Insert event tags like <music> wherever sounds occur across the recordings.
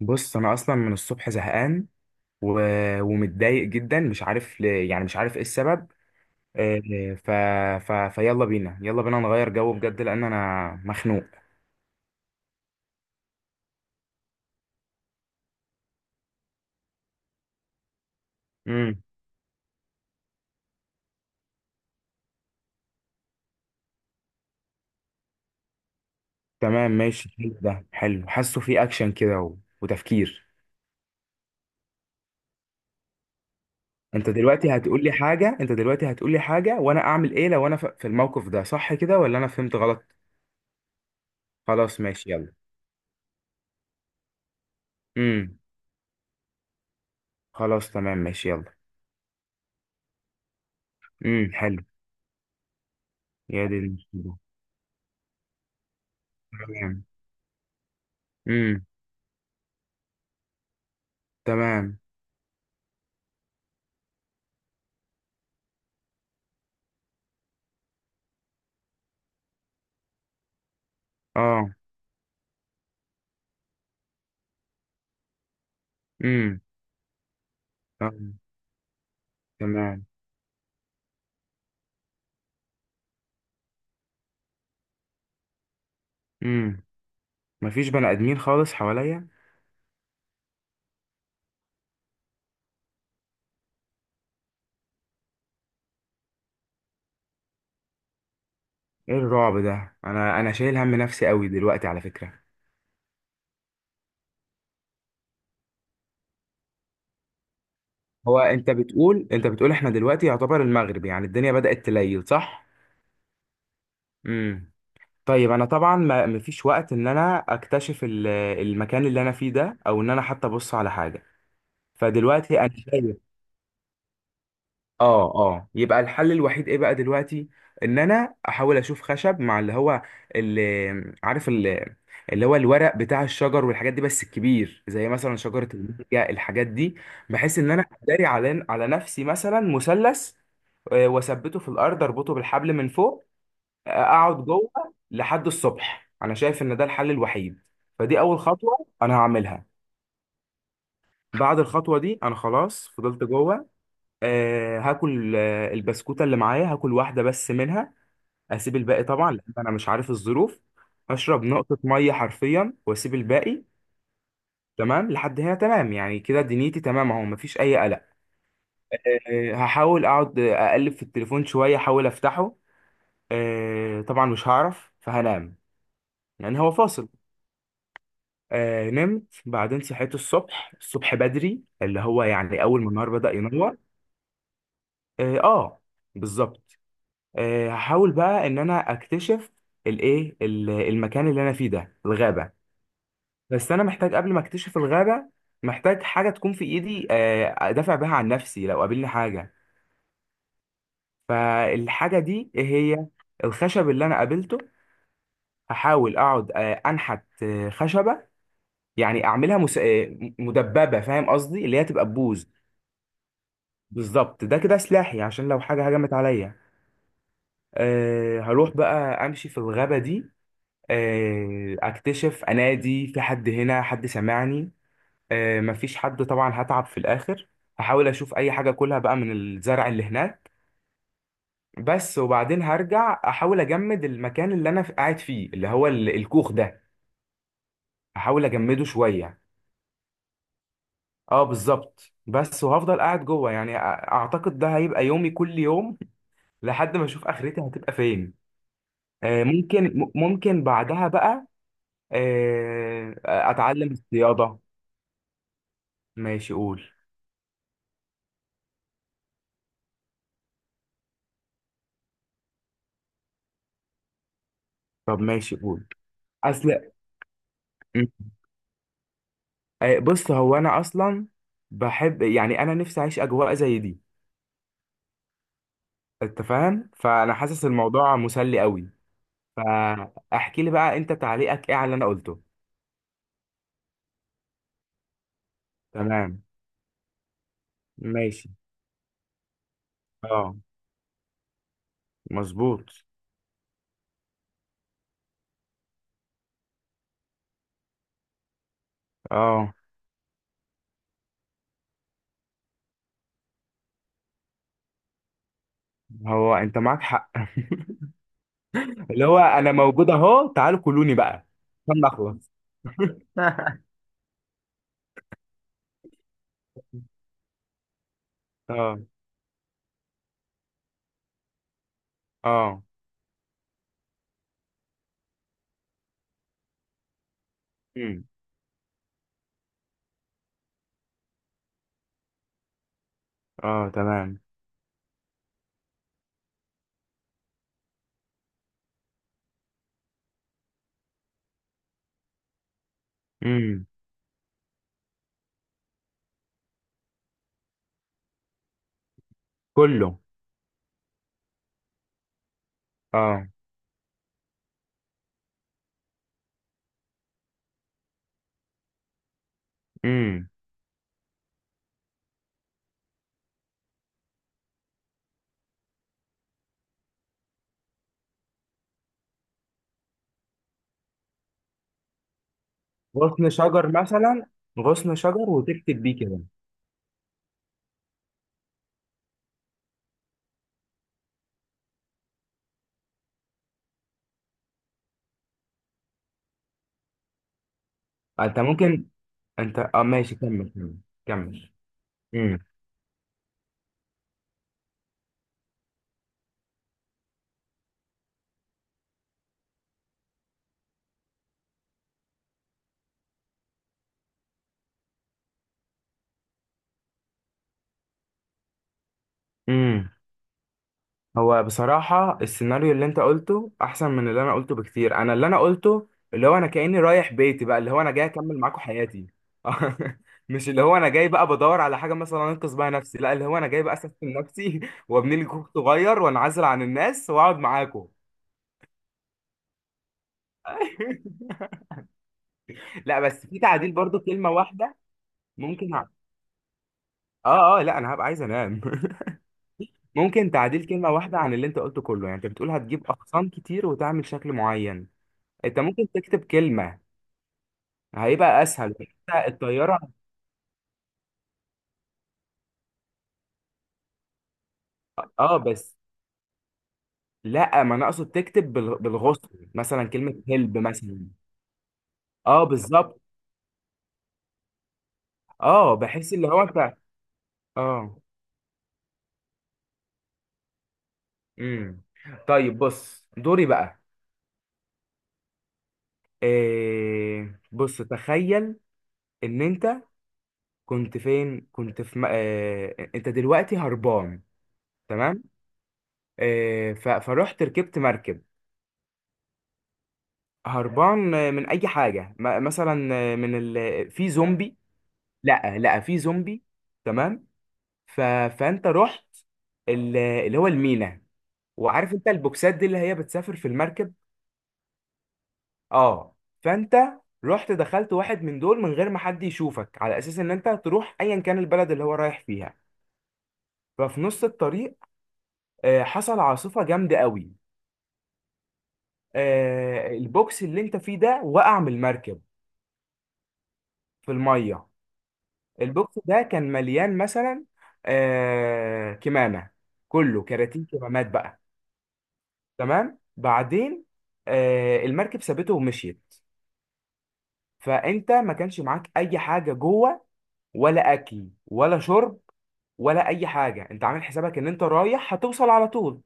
بص انا اصلا من الصبح زهقان و... ومتضايق جدا مش عارف ل... يعني مش عارف ايه السبب. آه، ف... ف... فيلا بينا، يلا بينا نغير جو بجد لان انا مخنوق. امم تمام ماشي حلو، ده حلو، حاسه في اكشن كده وتفكير. انت دلوقتي هتقول لي حاجة وانا اعمل ايه لو انا في الموقف ده، صح كده ولا انا فهمت غلط؟ خلاص ماشي يلا. امم، خلاص تمام ماشي يلا. امم، حلو. يا دي المشكلة. تمام. امم. تمام. اه. امم. آه، تمام. امم. مفيش بني ادمين خالص حواليا. ايه الرعب ده؟ انا شايل هم نفسي قوي دلوقتي على فكرة. هو انت بتقول احنا دلوقتي يعتبر المغرب، يعني الدنيا بدأت تليل، صح؟ امم. طيب انا طبعا ما مفيش وقت ان انا اكتشف المكان اللي انا فيه ده، او ان انا حتى ابص على حاجة، فدلوقتي انا شايف. اه اه، يبقى الحل الوحيد ايه بقى دلوقتي؟ ان انا احاول اشوف خشب مع اللي هو اللي عارف اللي, اللي هو الورق بتاع الشجر والحاجات دي، بس الكبير زي مثلا شجرة المانجا الحاجات دي. بحيث ان انا اداري على نفسي، مثلا مثلث، واثبته في الارض، اربطه بالحبل من فوق، اقعد جوه لحد الصبح. انا شايف ان ده الحل الوحيد، فدي اول خطوة انا هعملها. بعد الخطوة دي انا خلاص فضلت جوه، هاكل البسكوتة اللي معايا، هاكل واحدة بس منها، اسيب الباقي طبعا لان انا مش عارف الظروف. هشرب نقطة مية حرفيا واسيب الباقي. تمام لحد هنا، تمام يعني كده دنيتي تمام اهو، مفيش اي قلق. هحاول اقعد، اقلب في التليفون شوية، احاول افتحه. طبعا مش هعرف فهنام، يعني هو فاصل. نمت، بعدين صحيت الصبح، بدري، اللي هو يعني اول ما النهار بدأ ينور. اه، بالظبط. هحاول بقى ان انا اكتشف المكان اللي انا فيه ده، الغابه. بس انا محتاج قبل ما اكتشف الغابه، محتاج حاجه تكون في ايدي، ادافع بيها عن نفسي لو قابلني حاجه. فالحاجه دي إيه هي؟ الخشب اللي انا قابلته، هحاول اقعد انحت خشبه، يعني اعملها مس... آه، مدببه، فاهم قصدي؟ اللي هي تبقى ببوز. بالظبط، ده كده سلاحي عشان لو حاجه هجمت عليا. أه هروح بقى امشي في الغابه دي، اكتشف، انادي في حد هنا حد سمعني. مفيش حد طبعا، هتعب في الاخر. هحاول اشوف اي حاجه اكلها بقى من الزرع اللي هناك. بس وبعدين هرجع، احاول اجمد المكان اللي انا قاعد فيه اللي هو الكوخ ده، احاول اجمده شويه. اه بالظبط. بس وهفضل قاعد جوه يعني اعتقد ده هيبقى يومي كل يوم لحد ما اشوف اخرتي هتبقى فين. ممكن ممكن بعدها بقى اتعلم الصياده. ماشي قول. طب ماشي قول. اصل م. آه، بص، هو انا اصلا بحب، يعني انا نفسي اعيش اجواء زي دي. انت فاهم؟ فانا حاسس الموضوع مسلي قوي. فاحكي لي بقى انت تعليقك ايه على اللي انا قلته. تمام. ماشي. اه، مظبوط. اه، هو انت معاك حق. <laughs> اللي هو انا موجود اهو، تعالوا كلوني بقى عشان نخلص. <laughs> اه اه. امم. اه. تمام. امم. كله. اه. امم. غصن شجر مثلا، غصن شجر وتكتب بيه كده. انت ممكن، انت اه ماشي كمل، كمل. امم. امم. هو بصراحة السيناريو اللي انت قلته احسن من اللي انا قلته بكتير. انا اللي انا قلته، اللي هو انا كأني رايح بيتي بقى، اللي هو انا جاي اكمل معاكم حياتي. <laughs> مش اللي هو انا جاي بقى بدور على حاجة مثلا انقذ بيها نفسي، لا اللي هو انا جاي بقى اسفل نفسي <laughs> وابني لي كوخ صغير وانعزل عن الناس واقعد معاكم. <laughs> لا بس في تعديل برضو كلمة واحدة. ممكن، اه اه، لا انا هبقى عايز انام. <laughs> ممكن تعديل كلمة واحدة عن اللي انت قلته كله. يعني انت بتقول هتجيب اقسام كتير وتعمل شكل معين، انت ممكن تكتب كلمة، هيبقى اسهل. انت الطيارة، اه بس، لا ما انا اقصد تكتب بالغصن مثلا كلمة هلب مثلا. اه بالظبط. اه، بحس اللي هو انت، اه، امم. طيب بص دوري بقى. إيه بص، تخيل ان انت كنت فين، كنت في انت دلوقتي هربان. تمام. فروحت ركبت مركب. هربان، من اي حاجه، مثلا من في زومبي. لا لا، في زومبي. تمام. ف... فانت رحت اللي هو المينا، وعارف انت البوكسات دي اللي هي بتسافر في المركب. اه. فانت رحت، دخلت واحد من دول من غير ما حد يشوفك، على اساس ان انت تروح ايا كان البلد اللي هو رايح فيها. ففي نص الطريق حصل عاصفه جامده قوي، البوكس اللي انت فيه ده وقع من المركب في الميه. البوكس ده كان مليان مثلا كمامه، كله كراتين كمامات بقى. تمام بعدين، المركب سابته ومشيت. فانت ما كانش معاك اي حاجه جوه، ولا اكل ولا شرب ولا اي حاجه، انت عامل حسابك ان انت رايح هتوصل على طول.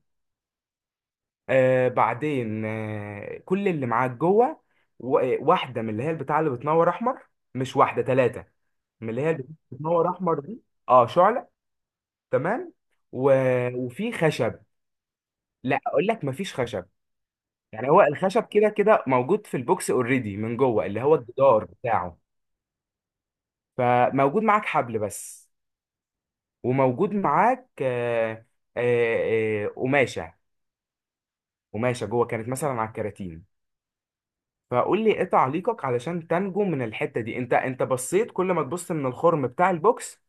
بعدين كل اللي معاك جوه واحده من اللي هي البتاع اللي بتنور احمر، مش واحده، ثلاثه، من اللي هي اللي بتنور احمر دي. اه شعله. تمام. و... وفي خشب. لا اقول لك مفيش خشب، يعني هو الخشب كده كده موجود في البوكس اوريدي من جوه، اللي هو الجدار بتاعه. فموجود معاك حبل بس، وموجود معاك، قماشه، قماشه جوه كانت مثلا على الكراتين. فقول لي ايه تعليقك علشان تنجو من الحته دي؟ انت انت بصيت، كل ما تبص من الخرم بتاع البوكس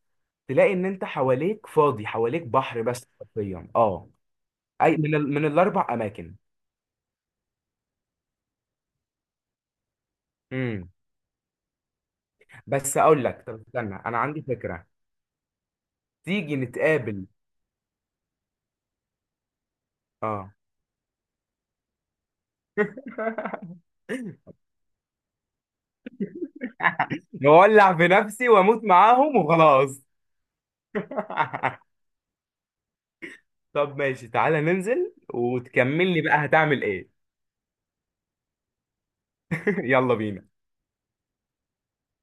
تلاقي ان انت حواليك فاضي، حواليك بحر بس حرفيا، اه. اي من من الاربع اماكن؟ امم. بس اقول لك، طب استنى، انا عندي فكره، تيجي نتقابل؟ اه. <laughs> نولع في نفسي واموت معاهم وخلاص. <laughs> طب ماشي، تعالى ننزل وتكمل لي بقى هتعمل ايه. <laughs> يلا بينا.